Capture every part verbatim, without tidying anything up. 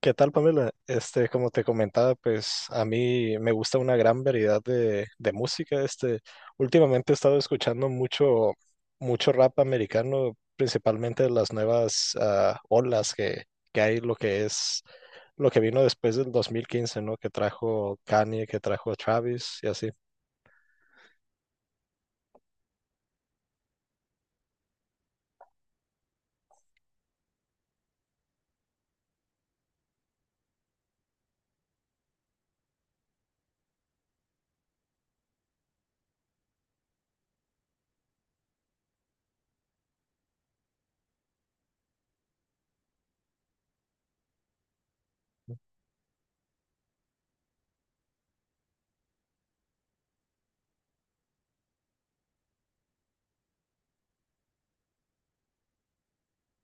¿Qué tal, Pamela? Este, como te comentaba, pues a mí me gusta una gran variedad de, de música. Este, últimamente he estado escuchando mucho, mucho rap americano, principalmente de las nuevas ah, olas que, que hay, lo que es, lo que vino después del dos mil quince, ¿no? Que trajo Kanye, que trajo Travis y así.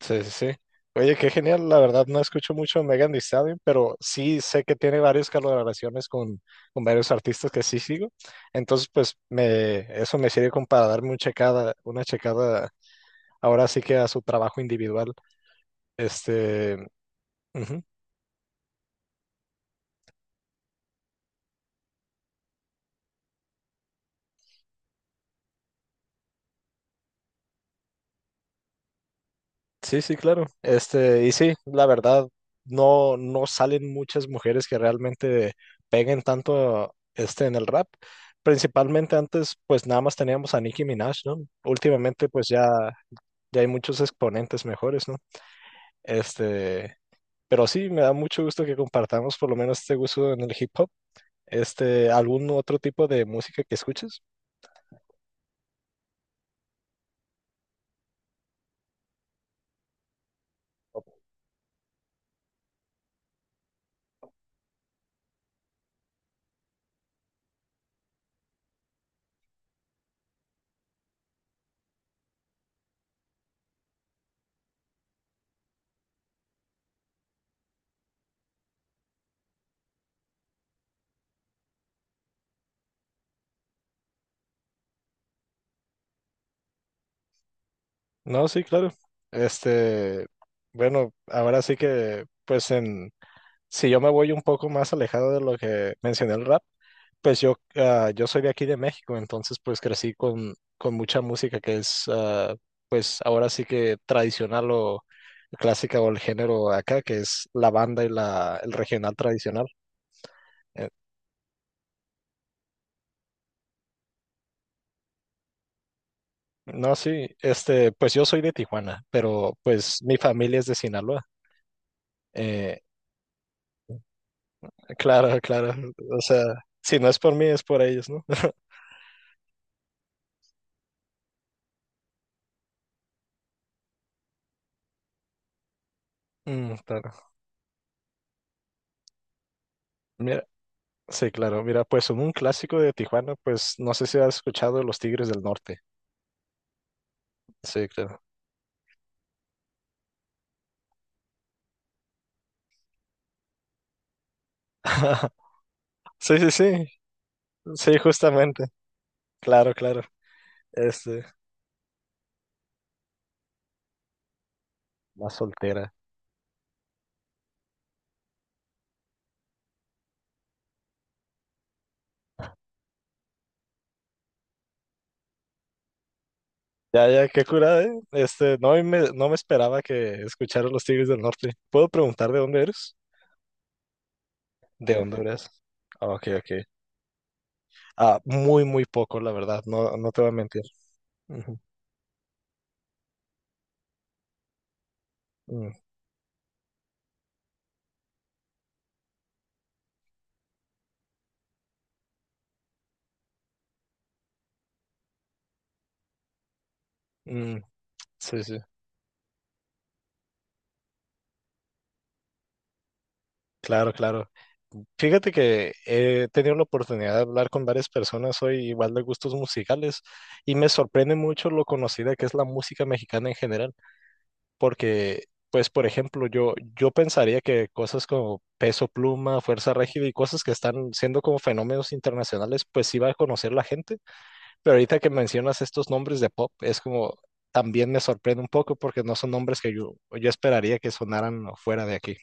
Sí, sí, sí. Oye, qué genial. La verdad no escucho mucho a Megan Thee Stallion, pero sí sé que tiene varias colaboraciones con, con varios artistas que sí sigo. Entonces, pues me, eso me sirve como para darme una checada, una checada ahora sí que a su trabajo individual. Este, ujú. Sí, sí, claro. Este, y sí, la verdad no, no salen muchas mujeres que realmente peguen tanto este en el rap. Principalmente antes, pues nada más teníamos a Nicki Minaj, ¿no? Últimamente, pues ya ya hay muchos exponentes mejores, ¿no? Este, pero sí, me da mucho gusto que compartamos por lo menos este gusto en el hip hop. Este, ¿algún otro tipo de música que escuches? Ok. No, sí, claro. Este, bueno, ahora sí que, pues en si yo me voy un poco más alejado de lo que mencioné el rap, pues yo, ah, yo soy de aquí de México, entonces pues crecí con, con mucha música que es ah, pues ahora sí que tradicional o clásica o el género acá, que es la banda y la, el regional tradicional. Eh, no, sí, este, pues yo soy de Tijuana, pero pues mi familia es de Sinaloa. Eh, claro, claro, o sea, si no es por mí es por ellos, ¿no? Mm, claro. Mira, sí, claro. Mira, pues en un clásico de Tijuana, pues no sé si has escuchado Los Tigres del Norte. Sí, claro. Sí, sí, sí. Sí, justamente. Claro, claro. Este, la soltera. Ya, ya, qué curada, ¿eh? Este, no me, no me esperaba que escucharas Los Tigres del Norte. ¿Puedo preguntar de dónde eres? De Honduras. Ah, ok, ok. Ah, muy, muy poco, la verdad. No, no te voy a mentir. Ujú. Mm, mm, sí, sí. Claro, claro. Fíjate que he tenido la oportunidad de hablar con varias personas hoy, igual de gustos musicales, y me sorprende mucho lo conocida que es la música mexicana en general, porque, pues, por ejemplo, yo, yo pensaría que cosas como Peso Pluma, Fuerza Régida y cosas que están siendo como fenómenos internacionales, pues iba a conocer la gente, pero ahorita que mencionas estos nombres de pop, es como, también me sorprende un poco porque no son nombres que yo, yo esperaría que sonaran fuera de aquí.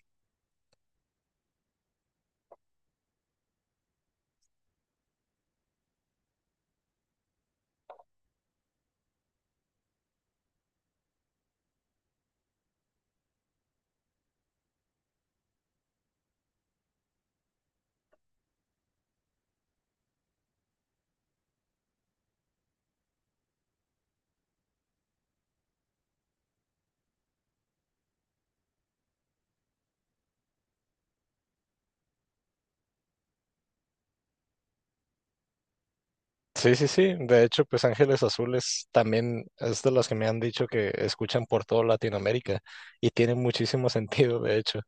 Sí, sí, sí. De hecho, pues Ángeles Azules también es de las que me han dicho que escuchan por toda Latinoamérica y tiene muchísimo sentido, de hecho.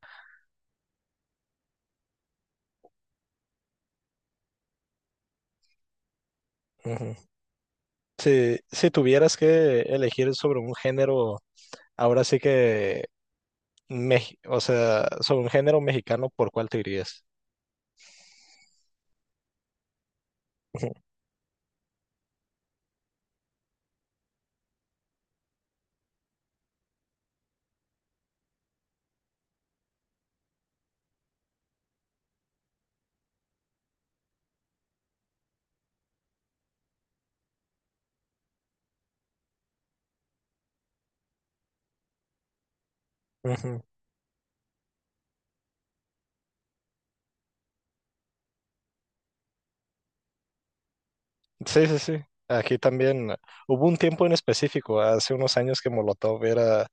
Ujú. Si, si tuvieras que elegir sobre un género, ahora sí que, Mex- o sea, sobre un género mexicano, ¿por cuál te irías? Ujú. Ujú. Sí, sí, sí. Aquí también uh, hubo un tiempo en específico, hace unos años que Molotov era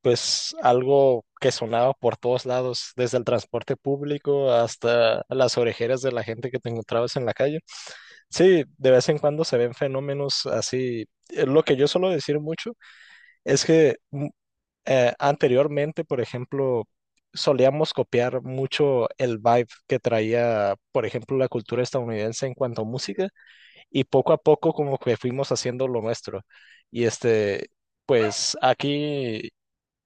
pues algo que sonaba por todos lados, desde el transporte público hasta las orejeras de la gente que te encontrabas en la calle. Sí, de vez en cuando se ven fenómenos así. Eh, Lo que yo suelo decir mucho es que mm, eh, anteriormente, por ejemplo, solíamos copiar mucho el vibe que traía, por ejemplo, la cultura estadounidense en cuanto a música, y poco a poco como que fuimos haciendo lo nuestro. Y este, pues aquí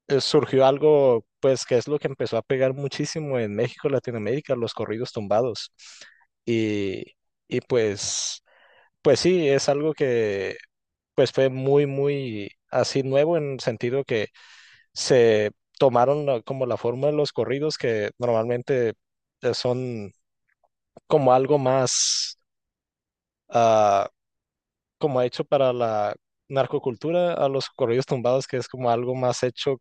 eh, surgió algo, pues, que es lo que empezó a pegar muchísimo en México, Latinoamérica, los corridos tumbados. Y, y pues, pues, sí, es algo que pues fue muy, muy así nuevo en el sentido que se tomaron la- como la forma de los corridos que normalmente eh, son como algo más ah, como hecho para la narcocultura, a los corridos tumbados, que es como algo más hecho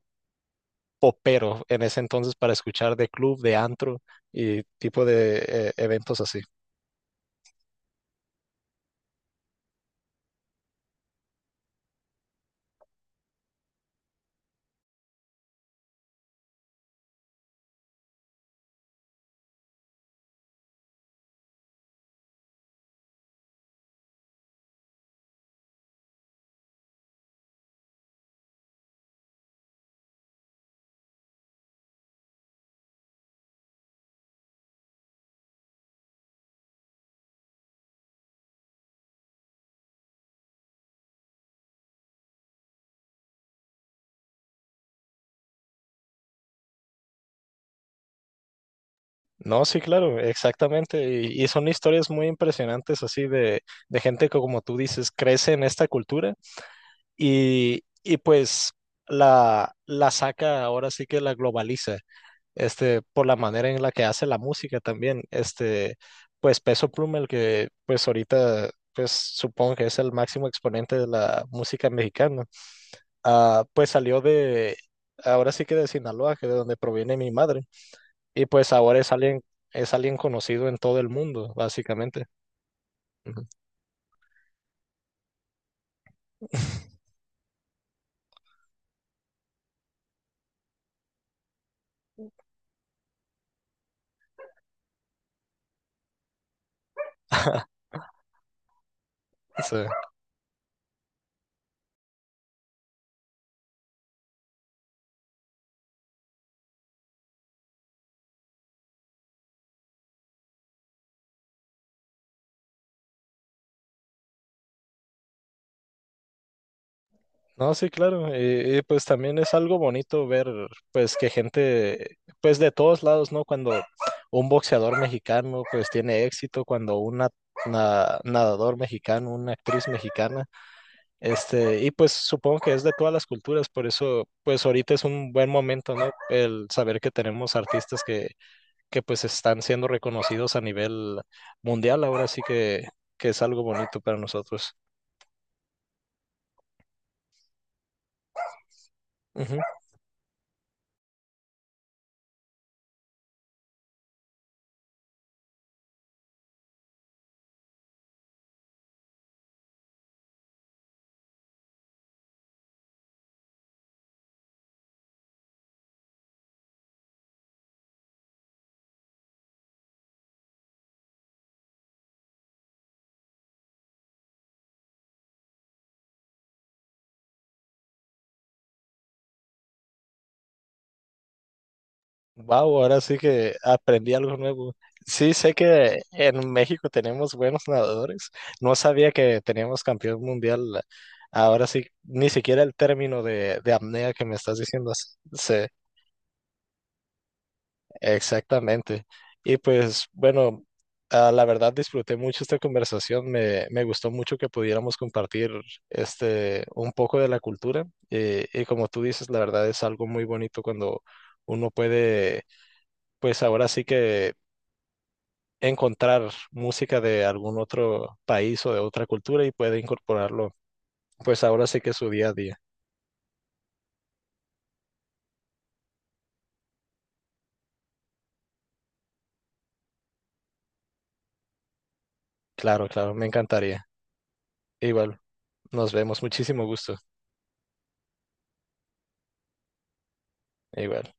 popero en ese entonces para escuchar de club, de antro y tipo de eh, eventos así. No, sí, claro, exactamente. Y, y son historias muy impresionantes así de, de gente que, como tú dices, crece en esta cultura y, y pues la, la saca, ahora sí que la globaliza, este, por la manera en la que hace la música también. Este, pues Peso Pluma, el que pues ahorita, pues supongo que es el máximo exponente de la música mexicana ah, pues salió de, ahora sí que de Sinaloa, que de donde proviene mi madre, y pues ahora es alguien, es alguien conocido en todo el mundo, básicamente. Ujú. Sí. No, sí, claro, y, y, pues también es algo bonito ver, pues que gente, pues de todos lados, ¿no? Cuando un boxeador mexicano, pues tiene éxito, cuando una, na- nadador mexicano, una actriz mexicana. Este, y pues supongo que es de todas las culturas, por eso pues ahorita es un buen momento, ¿no? El saber que tenemos artistas que, que pues están siendo reconocidos a nivel mundial, ahora sí que, que es algo bonito para nosotros. Ujú. Wow, ahora sí que aprendí algo nuevo. Sí, sé que en México tenemos buenos nadadores. No sabía que teníamos campeón mundial. Ahora sí, ni siquiera el término de, de apnea que me estás diciendo. Sí, exactamente. Y pues bueno, ah, la verdad disfruté mucho esta conversación. Me, me gustó mucho que pudiéramos compartir este un poco de la cultura. Eh, Y, como tú dices, la verdad es algo muy bonito cuando uno puede, pues ahora sí que encontrar música de algún otro país o de otra cultura y puede incorporarlo, pues ahora sí que es su día a día. Claro, claro, me encantaría. Igual, nos vemos. Muchísimo gusto. Igual.